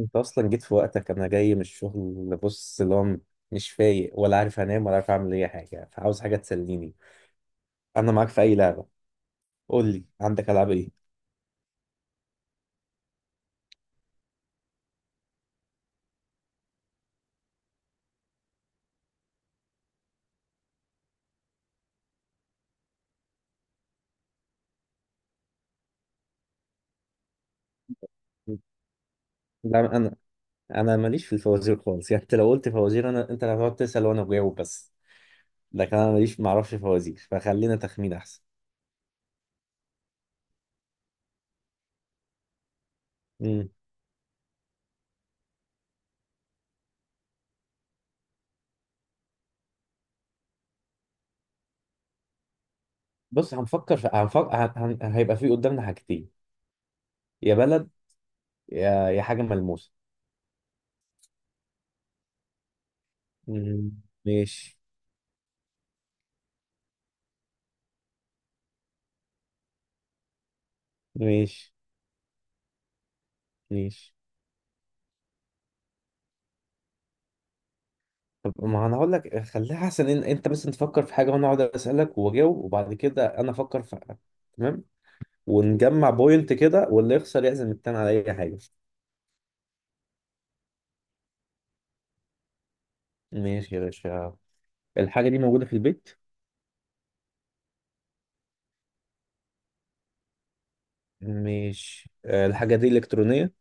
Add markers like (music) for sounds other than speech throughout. انت اصلا جيت في وقتك. انا جاي من الشغل، بص اللي هو مش فايق، ولا عارف انام ولا عارف اعمل اي حاجه، فعاوز حاجه تسليني. انا معاك في اي لعبه، قول لي عندك العاب ايه. لا، انا ماليش في الفوازير خالص، يعني انت لو قلت فوازير انا، انت اللي هتقعد تسال وانا بجاوب بس. لكن انا ماليش، معرفش فوازير، فخلينا تخمين احسن. بص، هنفكر في هنفكر هن... هن- هيبقى في قدامنا حاجتين: يا بلد، يا حاجة ملموسة. مم. ماشي ماشي ماشي. طب ما انا هقول لك خليها احسن ان انت بس تفكر في حاجة وانا اقعد اسألك واجاوب، وبعد كده انا افكر في. تمام، ونجمع بوينت كده واللي يخسر يعزم التاني على اي حاجة. ماشي يا باشا. الحاجة دي موجودة في البيت. ماشي. آه، الحاجة دي إلكترونية.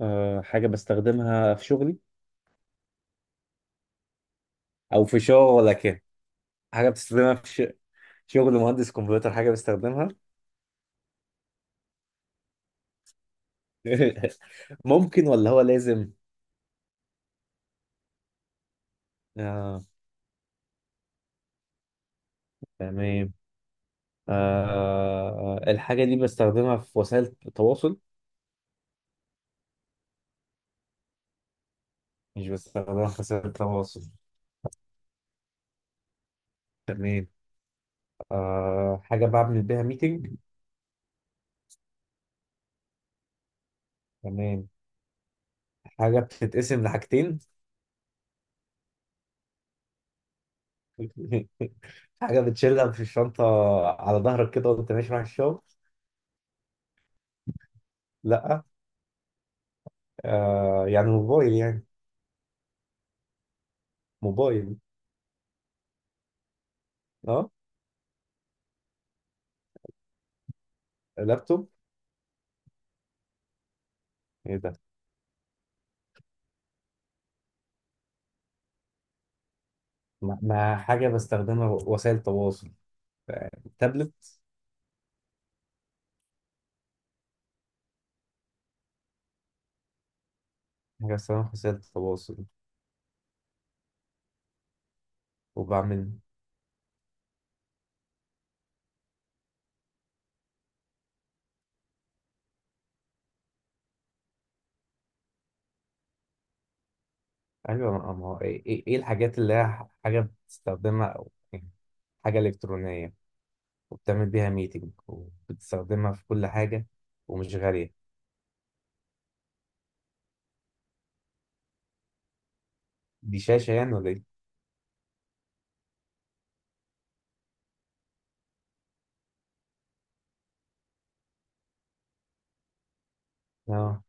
آه، حاجة بستخدمها في شغلي. او في شغلك يعني. حاجة بتستخدمها في ش... شغل مهندس كمبيوتر حاجة بيستخدمها. (laughs) ممكن ولا هو لازم. آه، تمام. آه، الحاجة دي بستخدمها في وسائل التواصل. مش بستخدمها في وسائل التواصل. تمام. آه، حاجة بعمل بيها ميتنج. تمام. حاجة بتتقسم لحاجتين. (laughs) حاجة بتشيلها في الشنطة على ظهرك كده وانت ماشي رايح الشغل. لا. آه، يعني موبايل يعني. موبايل. اه. لابتوب. ايه ده؟ ما حاجة بستخدمها وسائل تواصل. تابلت. رسام خاصية التواصل. وبعمل. أيوة، ما هو إيه, إيه الحاجات اللي هي حاجة بتستخدمها أو يعني. حاجة إلكترونية وبتعمل بيها ميتنج وبتستخدمها في كل حاجة ومش غالية. دي شاشة يعني ولا إيه؟ آه.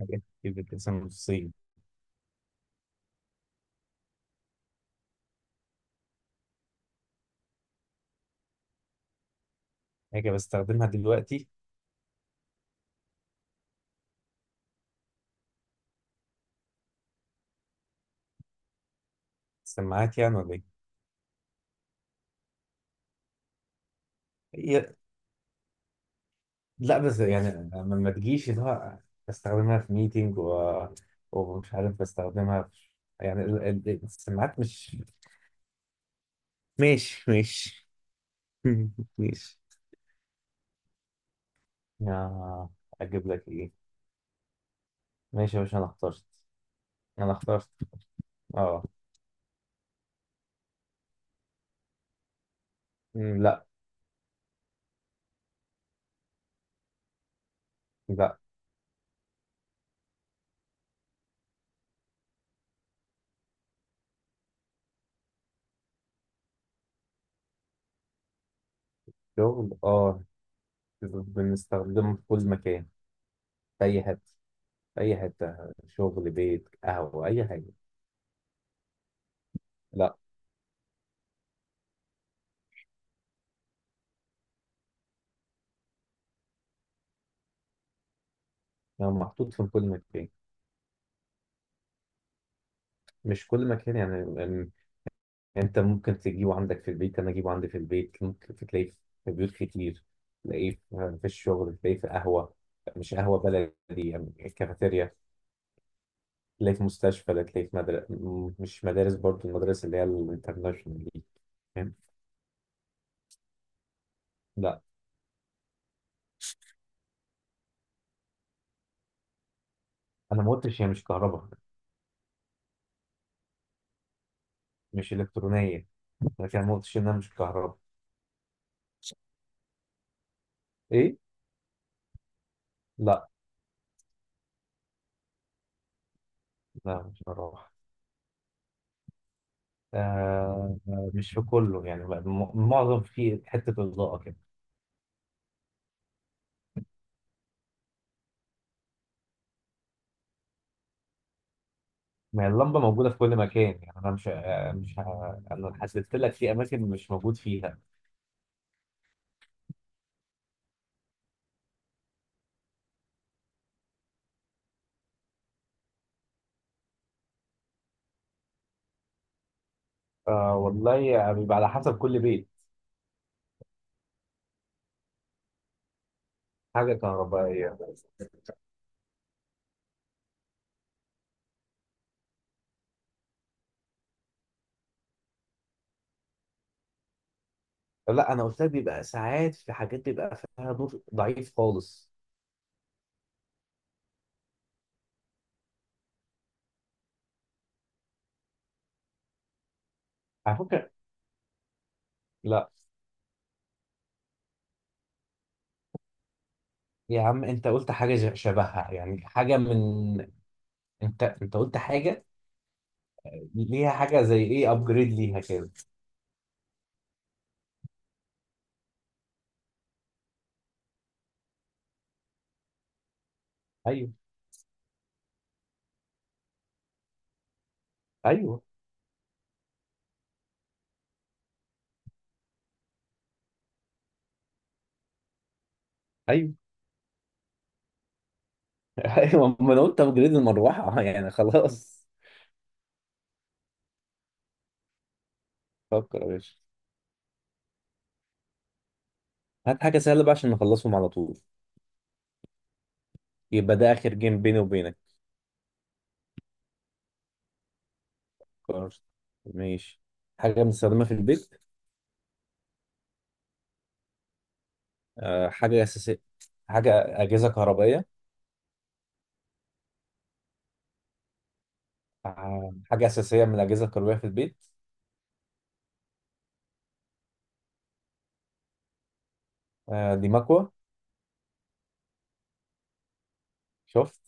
حاجات كتير بتتقسم نصين. حاجة بستخدمها دلوقتي. سماعات يعني ولا إيه؟ هي- لا، بس يعني ما تجيش اللي هو بستخدمها في ميتنج و... ومش عارف بستخدمها في، يعني السماعات مش. ماشي ماشي. (laughs) ماشي. آه، اجيب لك ايه. ماشي يا باشا، انا اخترت. انا اخترت. اه. مم، لا. لا. شغل اه. بنستخدمه في كل مكان. في اي حته، في اي حته. شغل، بيت، قهوه، اي حاجه. لا. يعني محطوط في كل مكان. مش كل مكان يعني. أم، انت ممكن تجيبه عندك في البيت، انا اجيبه عندي في البيت، ممكن تلاقيه في بيوت كتير، تلاقيه في الشغل، تلاقيه في قهوه، مش قهوه بلدي، يعني كافيتيريا، تلاقيه في مستشفى، ده تلاقيه في مدرسة، مش مدارس برضو، المدارس اللي هي الانترناشونال دي. فاهم. لا. انا ما قلتش هي مش كهرباء. مش الكترونيه، لكن انا ما قلتش انها مش كهرباء. ايه. لا لا، مش مروحه. آه، مش في كله يعني، معظم في حته اضاءه كده. ما هي اللمبه موجوده في كل مكان يعني، انا مش آه، مش ه- انا حسيت لك في اماكن مش موجود فيها. آه والله يعني بيبقى على حسب كل بيت. حاجه كهربائيه. لا، انا قلت لك بيبقى ساعات في حاجات بيبقى فيها نور ضعيف خالص. على فكره. لا. يا عم انت قلت حاجه شبهها، يعني حاجه من، انت قلت حاجه ليها حاجه زي ايه ابجريد ليها كده. ايوه. ايوه. ايوه. (laughs) ايوه، ما انا قلت ابجريد المروحه (laughs) يعني خلاص. فكر يا باشا، هات حاجه سهله بقى عشان نخلصهم على طول. يبقى ده اخر جيم بيني وبينك. خلاص. ماشي. حاجه بنستخدمها في البيت. آه، حاجه اساسيه. حاجه اجهزه كهربائيه. آه، حاجة أساسية من الأجهزة الكهربائية في البيت. آه، دي مكوة. شفت؟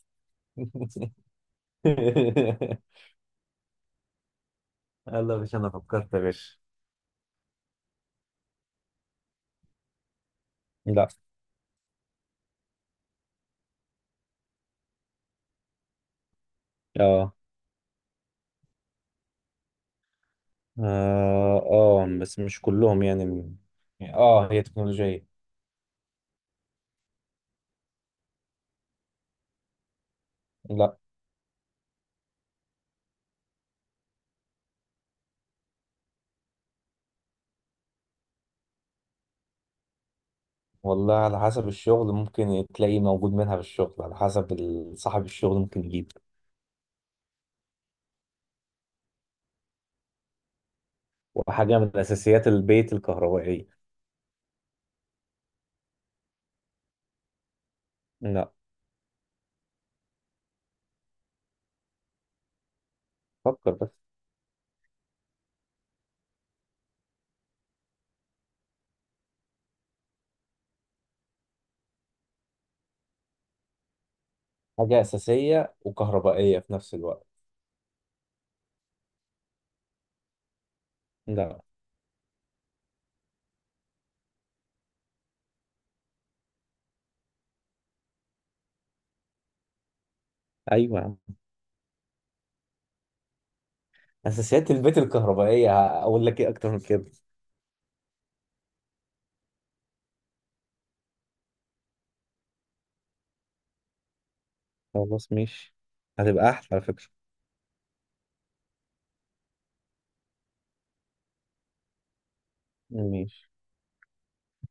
(laughs) يلا، مش أنا فكرت يا باشا. لا. اه. اه. آه، بس مش كلهم يعني اه هي تكنولوجية. لا. والله على حسب الشغل، ممكن تلاقي موجود منها في الشغل على حسب صاحب الشغل ممكن يجيب. وحاجة من أساسيات البيت الكهربائية. لا. فكر بس. حاجة أساسية وكهربائية في نفس الوقت. لا. أيوة. اساسيات البيت الكهربائيه هقول لك ايه اكتر من كده. خلاص ماشي. هتبقى احلى على فكرة. ماشي.